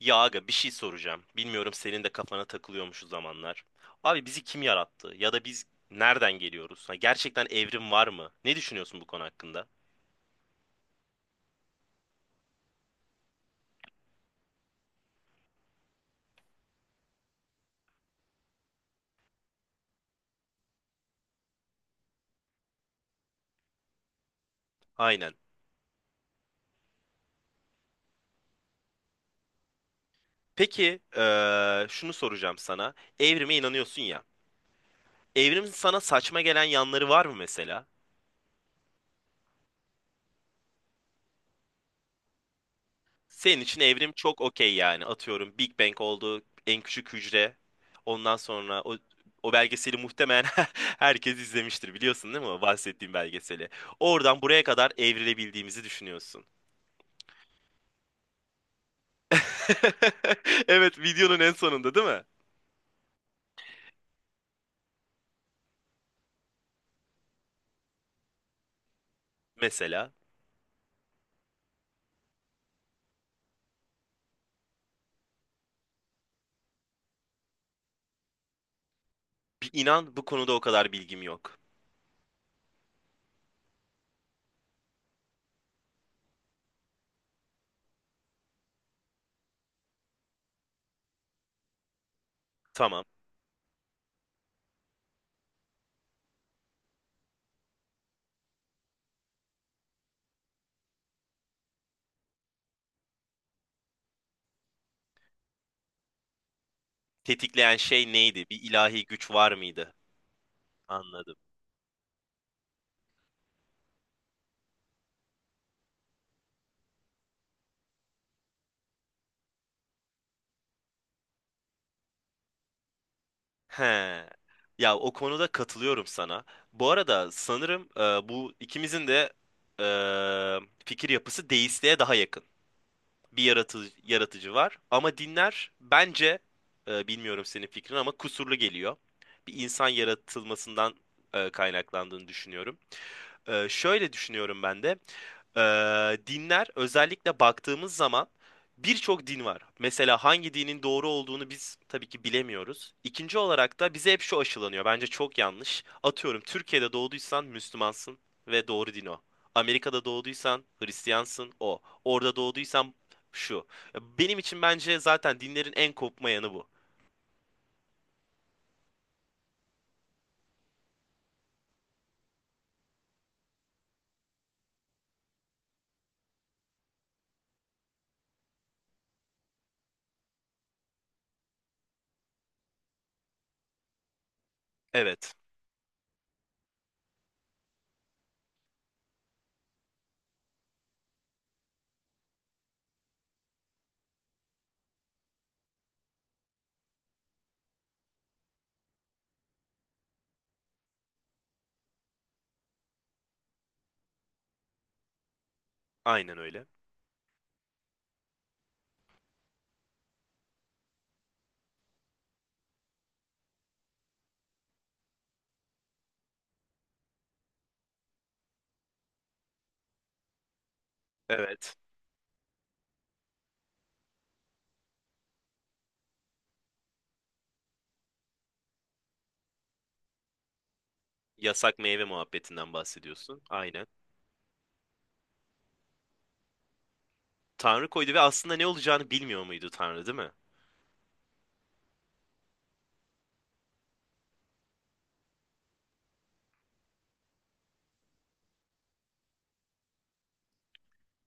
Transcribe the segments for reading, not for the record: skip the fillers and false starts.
Ya aga bir şey soracağım. Bilmiyorum senin de kafana takılıyormuş o zamanlar. Abi bizi kim yarattı? Ya da biz nereden geliyoruz? Ha, gerçekten evrim var mı? Ne düşünüyorsun bu konu hakkında? Aynen. Peki şunu soracağım sana. Evrime inanıyorsun ya. Evrimin sana saçma gelen yanları var mı mesela? Senin için evrim çok okey yani. Atıyorum Big Bang oldu, en küçük hücre. Ondan sonra o belgeseli muhtemelen herkes izlemiştir biliyorsun değil mi? O bahsettiğim belgeseli. Oradan buraya kadar evrilebildiğimizi düşünüyorsun. Evet, videonun en sonunda değil mi? Mesela bir inan bu konuda o kadar bilgim yok. Tamam. Tetikleyen şey neydi? Bir ilahi güç var mıydı? Anladım. He. Ya o konuda katılıyorum sana. Bu arada sanırım bu ikimizin de e, fikir yapısı deistliğe daha yakın. Bir yaratıcı var ama dinler bence bilmiyorum senin fikrin ama kusurlu geliyor. Bir insan yaratılmasından kaynaklandığını düşünüyorum. Şöyle düşünüyorum ben de. Dinler özellikle baktığımız zaman birçok din var. Mesela hangi dinin doğru olduğunu biz tabii ki bilemiyoruz. İkinci olarak da bize hep şu aşılanıyor. Bence çok yanlış. Atıyorum Türkiye'de doğduysan Müslümansın ve doğru din o. Amerika'da doğduysan Hristiyansın o. Orada doğduysan şu. Benim için bence zaten dinlerin en kopma yanı bu. Evet, aynen öyle. Evet. Yasak meyve muhabbetinden bahsediyorsun. Aynen. Tanrı koydu ve aslında ne olacağını bilmiyor muydu Tanrı, değil mi?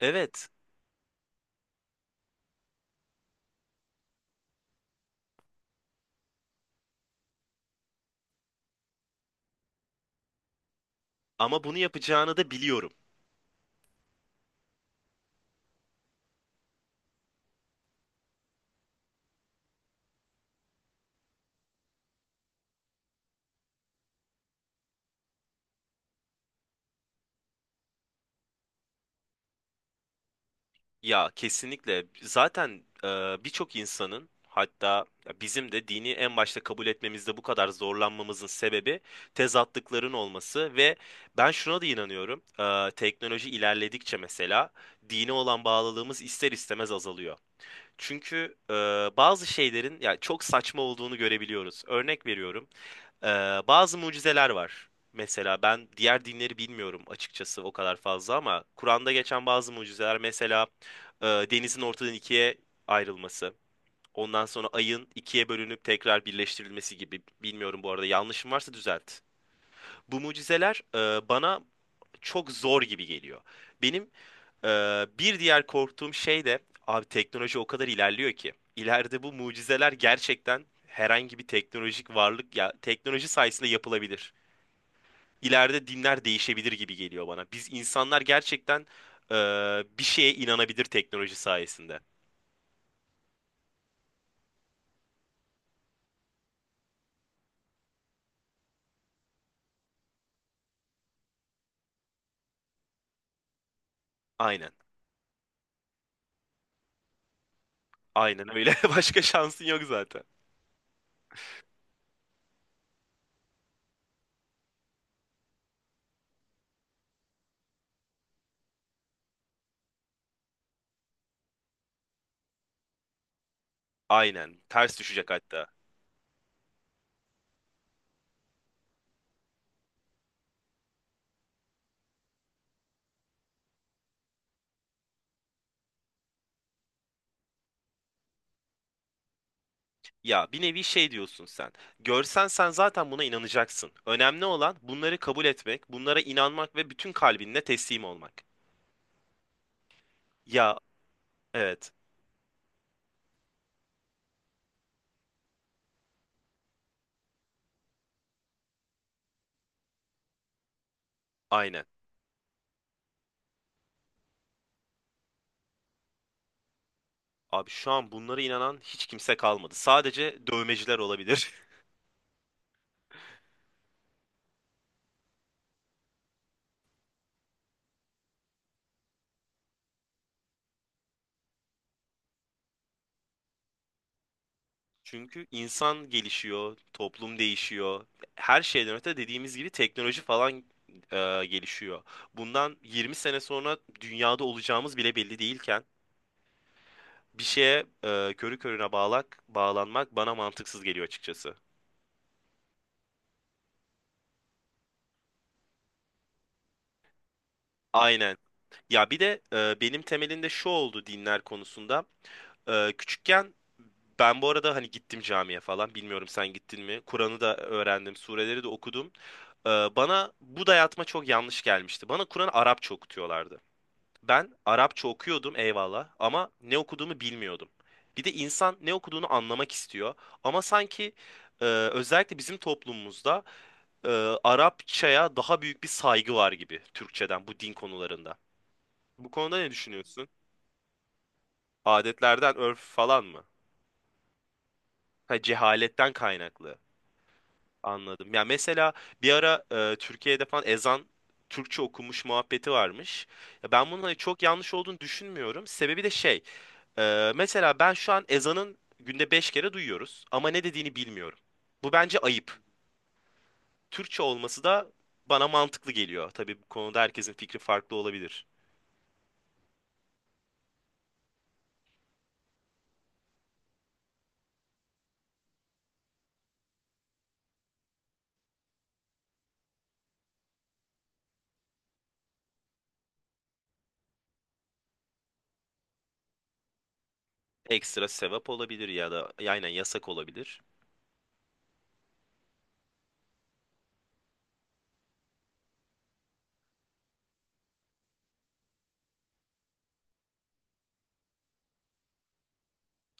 Evet. Ama bunu yapacağını da biliyorum. Ya kesinlikle. Zaten birçok insanın hatta ya bizim de dini en başta kabul etmemizde bu kadar zorlanmamızın sebebi tezatlıkların olması ve ben şuna da inanıyorum. Teknoloji ilerledikçe mesela dine olan bağlılığımız ister istemez azalıyor. Çünkü bazı şeylerin ya çok saçma olduğunu görebiliyoruz. Örnek veriyorum. Ee, Bazı mucizeler var. Mesela ben diğer dinleri bilmiyorum açıkçası o kadar fazla ama Kur'an'da geçen bazı mucizeler mesela denizin ortadan ikiye ayrılması, ondan sonra ayın ikiye bölünüp tekrar birleştirilmesi gibi, bilmiyorum bu arada, yanlışım varsa düzelt. Bu mucizeler bana çok zor gibi geliyor. Benim e, bir diğer korktuğum şey de abi teknoloji o kadar ilerliyor ki ileride bu mucizeler gerçekten herhangi bir teknolojik varlık ya teknoloji sayesinde yapılabilir, ileride dinler değişebilir gibi geliyor bana. Biz insanlar gerçekten e, bir şeye inanabilir teknoloji sayesinde. Aynen. Aynen öyle. Başka şansın yok zaten. Aynen. Ters düşecek hatta. Ya bir nevi şey diyorsun sen. Görsen sen zaten buna inanacaksın. Önemli olan bunları kabul etmek, bunlara inanmak ve bütün kalbinle teslim olmak. Ya evet. Aynen. Abi şu an bunlara inanan hiç kimse kalmadı. Sadece dövmeciler olabilir. Çünkü insan gelişiyor, toplum değişiyor. Her şeyden öte dediğimiz gibi teknoloji falan gelişiyor. Bundan 20 sene sonra dünyada olacağımız bile belli değilken bir şeye körü körüne bağlanmak bana mantıksız geliyor açıkçası. Aynen. Ya bir de benim temelinde şu oldu dinler konusunda. Küçükken ben bu arada hani gittim camiye falan. Bilmiyorum sen gittin mi? Kur'an'ı da öğrendim, sureleri de okudum. Ee, Bana bu dayatma çok yanlış gelmişti. Bana Kur'an Arapça okutuyorlardı. Ben Arapça okuyordum eyvallah ama ne okuduğumu bilmiyordum. Bir de insan ne okuduğunu anlamak istiyor. Ama sanki özellikle bizim toplumumuzda e, Arapçaya daha büyük bir saygı var gibi Türkçeden bu din konularında. Bu konuda ne düşünüyorsun? Adetlerden, örf falan mı? Ha, cehaletten kaynaklı. Anladım. Ya mesela bir ara Türkiye'de falan ezan Türkçe okumuş muhabbeti varmış. Ya ben bunun hani çok yanlış olduğunu düşünmüyorum. Sebebi de şey, mesela ben şu an ezanın günde 5 kere duyuyoruz ama ne dediğini bilmiyorum. Bu bence ayıp. Türkçe olması da bana mantıklı geliyor. Tabii bu konuda herkesin fikri farklı olabilir. Ekstra sevap olabilir ya da aynen yasak olabilir.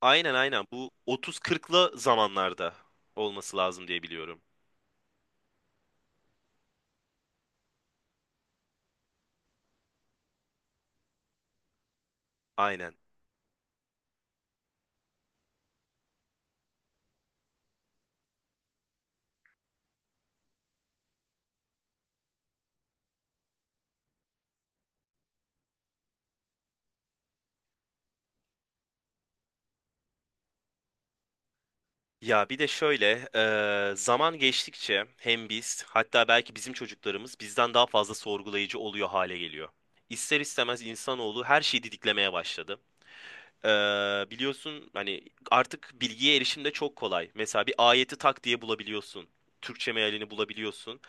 Aynen, aynen, bu 30-40'lı zamanlarda olması lazım diye biliyorum. Aynen. Ya bir de şöyle, zaman geçtikçe hem biz hatta belki bizim çocuklarımız bizden daha fazla sorgulayıcı oluyor hale geliyor. İster istemez insanoğlu her şeyi didiklemeye başladı. Biliyorsun hani artık bilgiye erişim de çok kolay. Mesela bir ayeti tak diye bulabiliyorsun. Türkçe mealini bulabiliyorsun.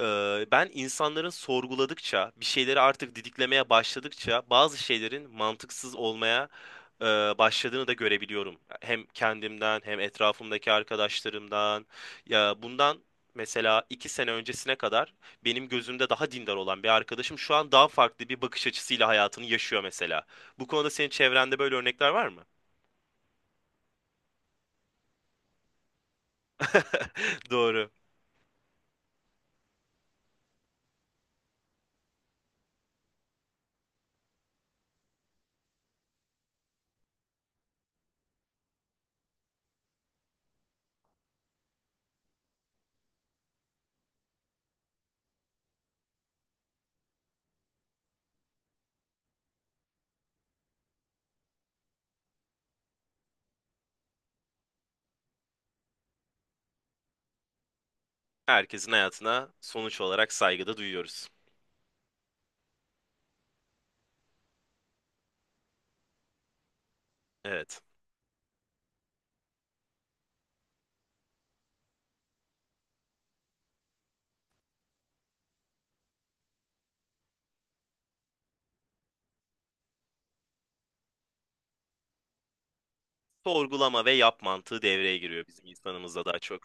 Ben insanların sorguladıkça, bir şeyleri artık didiklemeye başladıkça bazı şeylerin mantıksız olmaya e, başladığını da görebiliyorum. Hem kendimden hem etrafımdaki arkadaşlarımdan. Ya bundan mesela 2 sene öncesine kadar benim gözümde daha dindar olan bir arkadaşım şu an daha farklı bir bakış açısıyla hayatını yaşıyor mesela. Bu konuda senin çevrende böyle örnekler var mı? Doğru. Herkesin hayatına sonuç olarak saygıda duyuyoruz. Evet. Sorgulama ve yap mantığı devreye giriyor bizim insanımızda daha çok.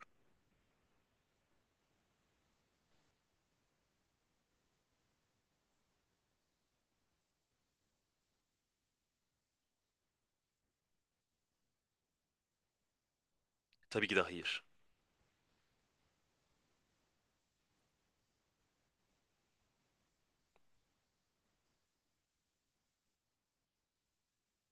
Tabii ki de hayır.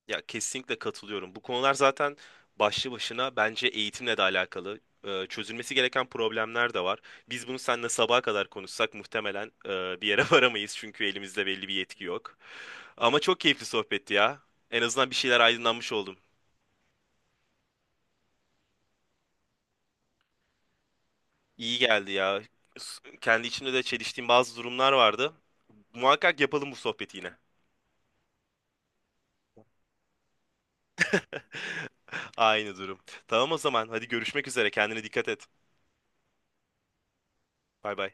Ya kesinlikle katılıyorum. Bu konular zaten başlı başına bence eğitimle de alakalı. Çözülmesi gereken problemler de var. Biz bunu seninle sabaha kadar konuşsak muhtemelen bir yere varamayız çünkü elimizde belli bir yetki yok. Ama çok keyifli sohbetti ya. En azından bir şeyler aydınlanmış oldu. İyi geldi ya. Kendi içimde de çeliştiğim bazı durumlar vardı. Muhakkak yapalım bu sohbeti yine. Aynı durum. Tamam o zaman. Hadi görüşmek üzere. Kendine dikkat et. Bay bay.